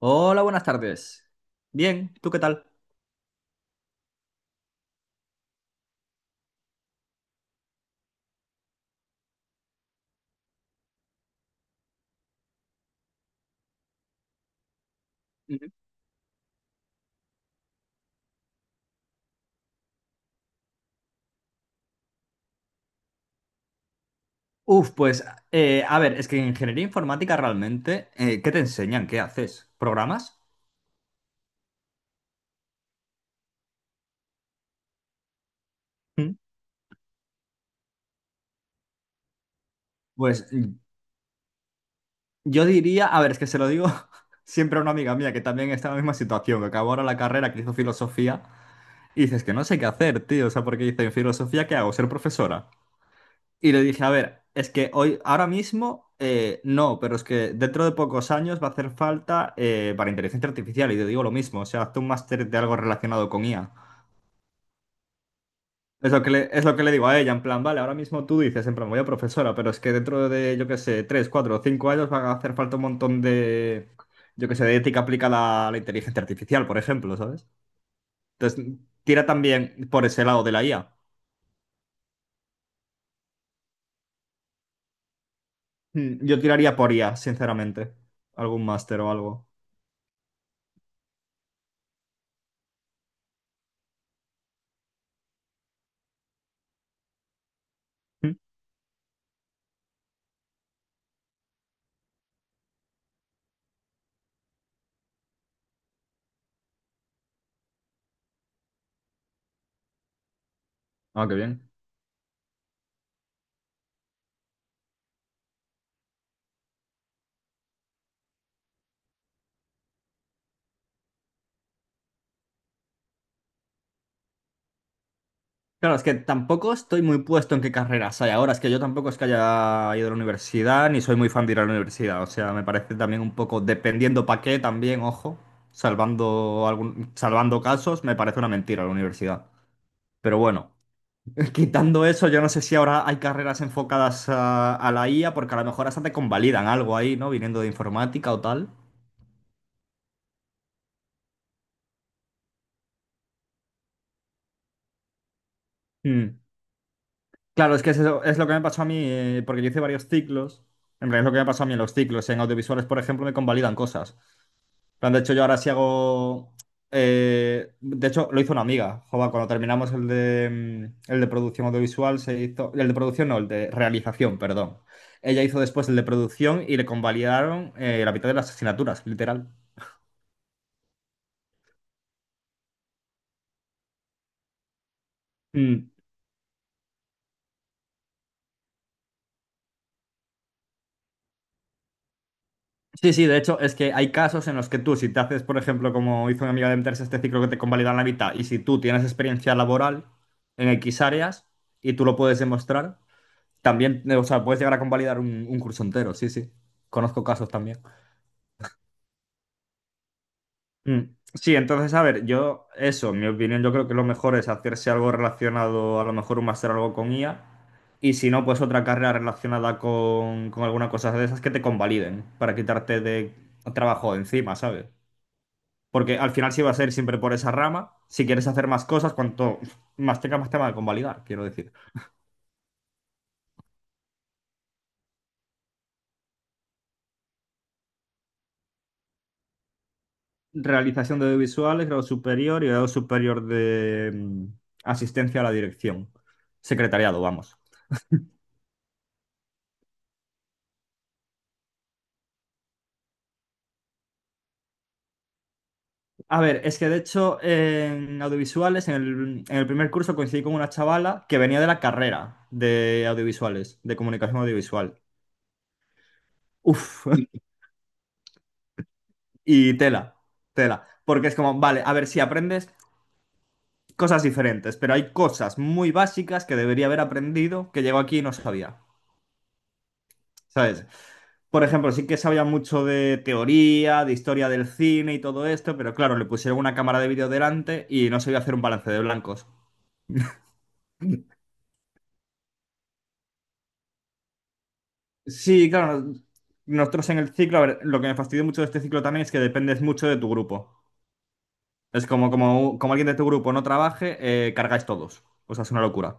Hola, buenas tardes. Bien, ¿tú qué tal? Ujú. Uf, pues a ver, es que en ingeniería informática realmente, ¿qué te enseñan? ¿Qué haces? ¿Programas? Mm. Pues yo diría, a ver, es que se lo digo siempre a una amiga mía que también está en la misma situación, que acabó ahora la carrera, que hizo filosofía, y dices que no sé qué hacer, tío, o sea, porque dice, en filosofía, ¿qué hago? ¿Ser profesora? Y le dije, a ver, es que hoy, ahora mismo, no, pero es que dentro de pocos años va a hacer falta para inteligencia artificial. Y te digo lo mismo, o sea, haz un máster de algo relacionado con IA. Es lo que le digo a ella, en plan, vale, ahora mismo tú dices, en plan, voy a profesora, pero es que dentro de, yo qué sé, 3, 4 o 5 años va a hacer falta un montón de, yo qué sé, de ética aplicada a la inteligencia artificial, por ejemplo, ¿sabes? Entonces, tira también por ese lado de la IA. Yo tiraría por IA, sinceramente. Algún máster o algo. Mm. Ah, qué bien. Claro, es que tampoco estoy muy puesto en qué carreras hay ahora. Es que yo tampoco es que haya ido a la universidad, ni soy muy fan de ir a la universidad. O sea, me parece también un poco, dependiendo para qué, también, ojo, salvando casos, me parece una mentira la universidad. Pero bueno, quitando eso, yo no sé si ahora hay carreras enfocadas a, la IA, porque a lo mejor hasta te convalidan algo ahí, ¿no? Viniendo de informática o tal. Mm. Claro, es que es, es lo que me pasó a mí, porque yo hice varios ciclos. En realidad es lo que me pasó a mí en los ciclos. En audiovisuales, por ejemplo, me convalidan cosas. En plan, de hecho, yo ahora sí hago. De hecho, lo hizo una amiga. Joba, cuando terminamos el de producción audiovisual, se hizo. El de producción, no, el de realización, perdón. Ella hizo después el de producción y le convalidaron la mitad de las asignaturas, literal. Mm. Sí, sí, de hecho es que hay casos en los que tú, si te haces, por ejemplo, como hizo una amiga de meterse a este ciclo que te convalidan la mitad, y si tú tienes experiencia laboral en X áreas y tú lo puedes demostrar, también, o sea, puedes llegar a convalidar un curso entero, sí, sí. Conozco casos también. Mm, sí, entonces, a ver, yo, eso, en mi opinión, yo creo que lo mejor es hacerse algo relacionado, a lo mejor un máster o algo con IA, y si no, pues otra carrera relacionada con, alguna cosa de esas que te convaliden para quitarte de trabajo de encima, ¿sabes? Porque al final sí va a ser siempre por esa rama. Si quieres hacer más cosas, cuanto más tengas más tema de convalidar, quiero decir. Realización de audiovisuales, grado superior y grado superior de asistencia a la dirección. Secretariado, vamos. A ver, es que de hecho en audiovisuales, en el primer curso coincidí con una chavala que venía de la carrera de audiovisuales, de comunicación audiovisual. Uf, y tela, tela. Porque es como, vale, a ver, si aprendes cosas diferentes, pero hay cosas muy básicas que debería haber aprendido que llegó aquí y no sabía, ¿sabes? Por ejemplo, sí que sabía mucho de teoría, de historia del cine y todo esto, pero claro, le pusieron una cámara de vídeo delante y no sabía hacer un balance de blancos. Sí, claro, nosotros en el ciclo, a ver, lo que me fastidió mucho de este ciclo también es que dependes mucho de tu grupo. Es como, alguien de tu grupo no trabaje, cargáis todos. O sea, es una locura.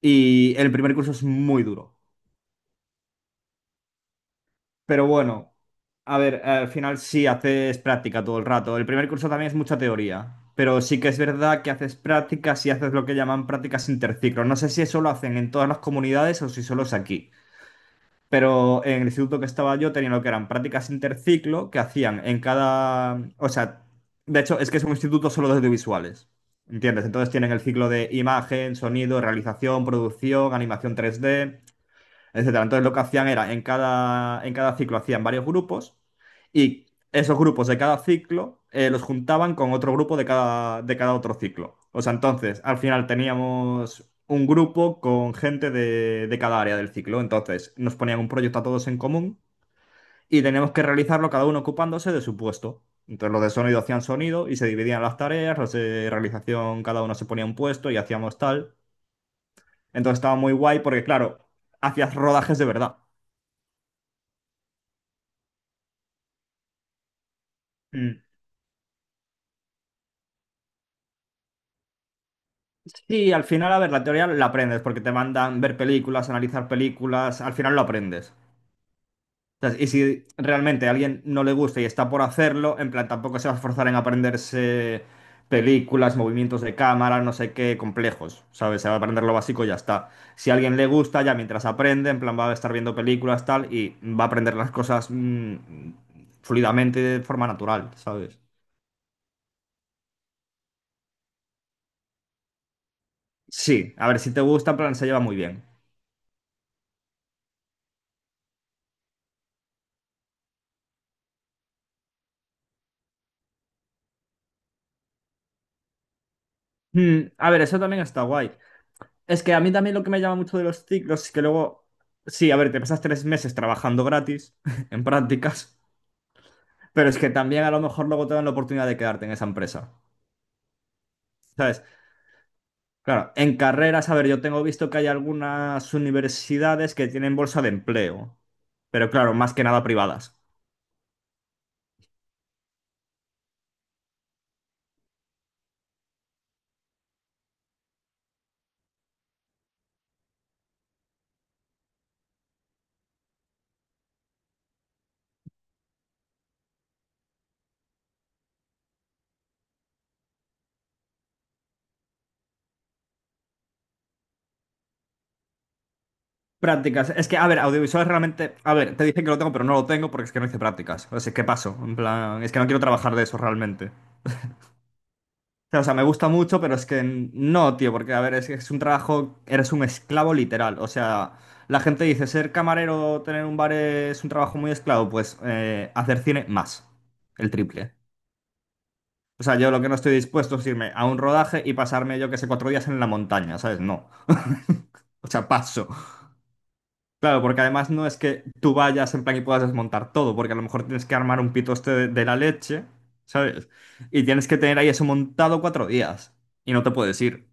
Y el primer curso es muy duro. Pero bueno, a ver, al final sí haces práctica todo el rato. El primer curso también es mucha teoría, pero sí que es verdad que haces prácticas y haces lo que llaman prácticas interciclo. No sé si eso lo hacen en todas las comunidades o si solo es aquí. Pero en el instituto que estaba yo tenía lo que eran prácticas interciclo que hacían en cada... O sea, de hecho es que es un instituto solo de audiovisuales. ¿Entiendes? Entonces tienen el ciclo de imagen, sonido, realización, producción, animación 3D, etcétera. Entonces lo que hacían era, en cada ciclo hacían varios grupos y esos grupos de cada ciclo los juntaban con otro grupo de cada otro ciclo. O sea, entonces al final teníamos un grupo con gente de cada área del ciclo. Entonces nos ponían un proyecto a todos en común y teníamos que realizarlo cada uno ocupándose de su puesto. Entonces los de sonido hacían sonido y se dividían las tareas, los de realización cada uno se ponía un puesto y hacíamos tal. Entonces estaba muy guay porque, claro, hacías rodajes de verdad. Mm. Sí, al final, a ver, la teoría la aprendes porque te mandan ver películas, analizar películas, al final lo aprendes. Entonces, y si realmente a alguien no le gusta y está por hacerlo, en plan, tampoco se va a esforzar en aprenderse películas, movimientos de cámara, no sé qué, complejos, ¿sabes? Se va a aprender lo básico y ya está. Si a alguien le gusta, ya mientras aprende, en plan, va a estar viendo películas, tal, y va a aprender las cosas fluidamente de forma natural, ¿sabes? Sí, a ver, si te gusta, en plan, se lleva muy bien. A ver, eso también está guay. Es que a mí también lo que me llama mucho de los ciclos es que luego, sí, a ver, te pasas 3 meses trabajando gratis en prácticas, pero es que también a lo mejor luego te dan la oportunidad de quedarte en esa empresa. ¿Sabes? Claro, en carreras, a ver, yo tengo visto que hay algunas universidades que tienen bolsa de empleo, pero claro, más que nada privadas. Prácticas, es que, a ver, audiovisuales realmente, a ver, te dicen que lo tengo, pero no lo tengo porque es que no hice prácticas. O sea, ¿qué pasó? En plan, es que no quiero trabajar de eso realmente. O sea, me gusta mucho, pero es que no, tío, porque a ver, es un trabajo, eres un esclavo literal. O sea, la gente dice, ser camarero, tener un bar es un trabajo muy esclavo, pues hacer cine más, el triple. O sea, yo lo que no estoy dispuesto es irme a un rodaje y pasarme, yo que sé, 4 días en la montaña, ¿sabes? No. O sea, paso. Claro, porque además no es que tú vayas en plan y puedas desmontar todo, porque a lo mejor tienes que armar un pitoste de, la leche, ¿sabes? Y tienes que tener ahí eso montado 4 días y no te puedes ir.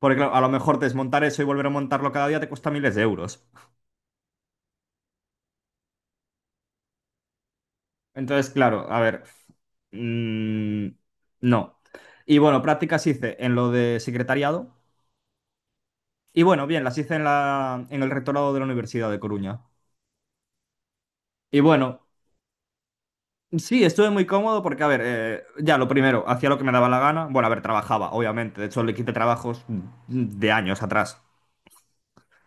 Porque claro, a lo mejor desmontar eso y volver a montarlo cada día te cuesta miles de euros. Entonces, claro, a ver, mm, no. Y bueno, prácticas hice en lo de secretariado. Y bueno, bien, las hice en la, en el rectorado de la Universidad de Coruña. Y bueno, sí, estuve muy cómodo porque, a ver, ya lo primero, hacía lo que me daba la gana. Bueno, a ver, trabajaba, obviamente. De hecho, le quité trabajos de años atrás.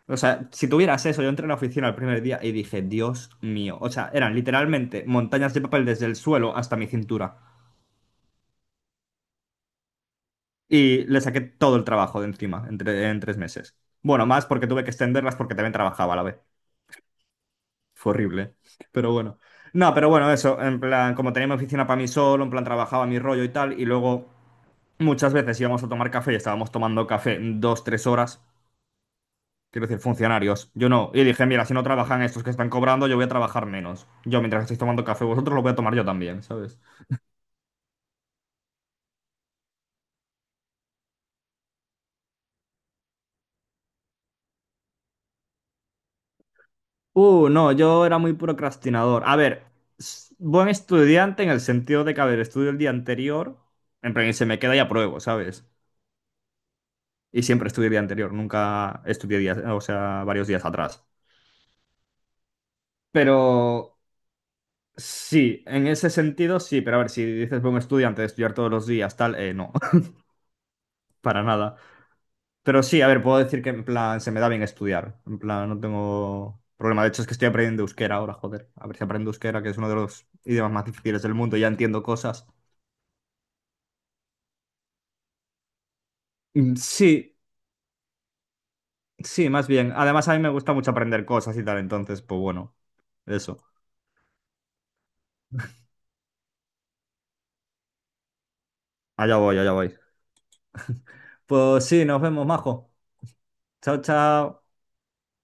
O sea, si tuvieras eso, yo entré en la oficina el primer día y dije, Dios mío. O sea, eran literalmente montañas de papel desde el suelo hasta mi cintura. Y le saqué todo el trabajo de encima en, en 3 meses. Bueno, más porque tuve que extenderlas porque también trabajaba a la vez. Fue horrible. Pero bueno. No, pero bueno, eso. En plan, como tenía mi oficina para mí solo, en plan, trabajaba mi rollo y tal. Y luego muchas veces íbamos a tomar café y estábamos tomando café dos, tres horas. Quiero decir, funcionarios. Yo no. Y dije, mira, si no trabajan estos que están cobrando, yo voy a trabajar menos. Yo, mientras estéis tomando café vosotros, lo voy a tomar yo también, ¿sabes? No, yo era muy procrastinador. A ver, buen estudiante en el sentido de que, a ver, estudio el día anterior, en plan, y se me queda y apruebo, ¿sabes? Y siempre estudio el día anterior, nunca estudié días, o sea, varios días atrás. Pero sí, en ese sentido sí, pero a ver, si dices buen estudiante de estudiar todos los días, tal, no, para nada. Pero sí, a ver, puedo decir que en plan se me da bien estudiar. En plan, no tengo problema. De hecho, es que estoy aprendiendo euskera ahora, joder. A ver si aprendo euskera, que es uno de los idiomas más difíciles del mundo. Ya entiendo cosas. Mm, sí, sí, más bien. Además, a mí me gusta mucho aprender cosas y tal. Entonces, pues bueno, eso. Allá voy, allá voy. Pues sí, nos vemos, majo. Chao, chao.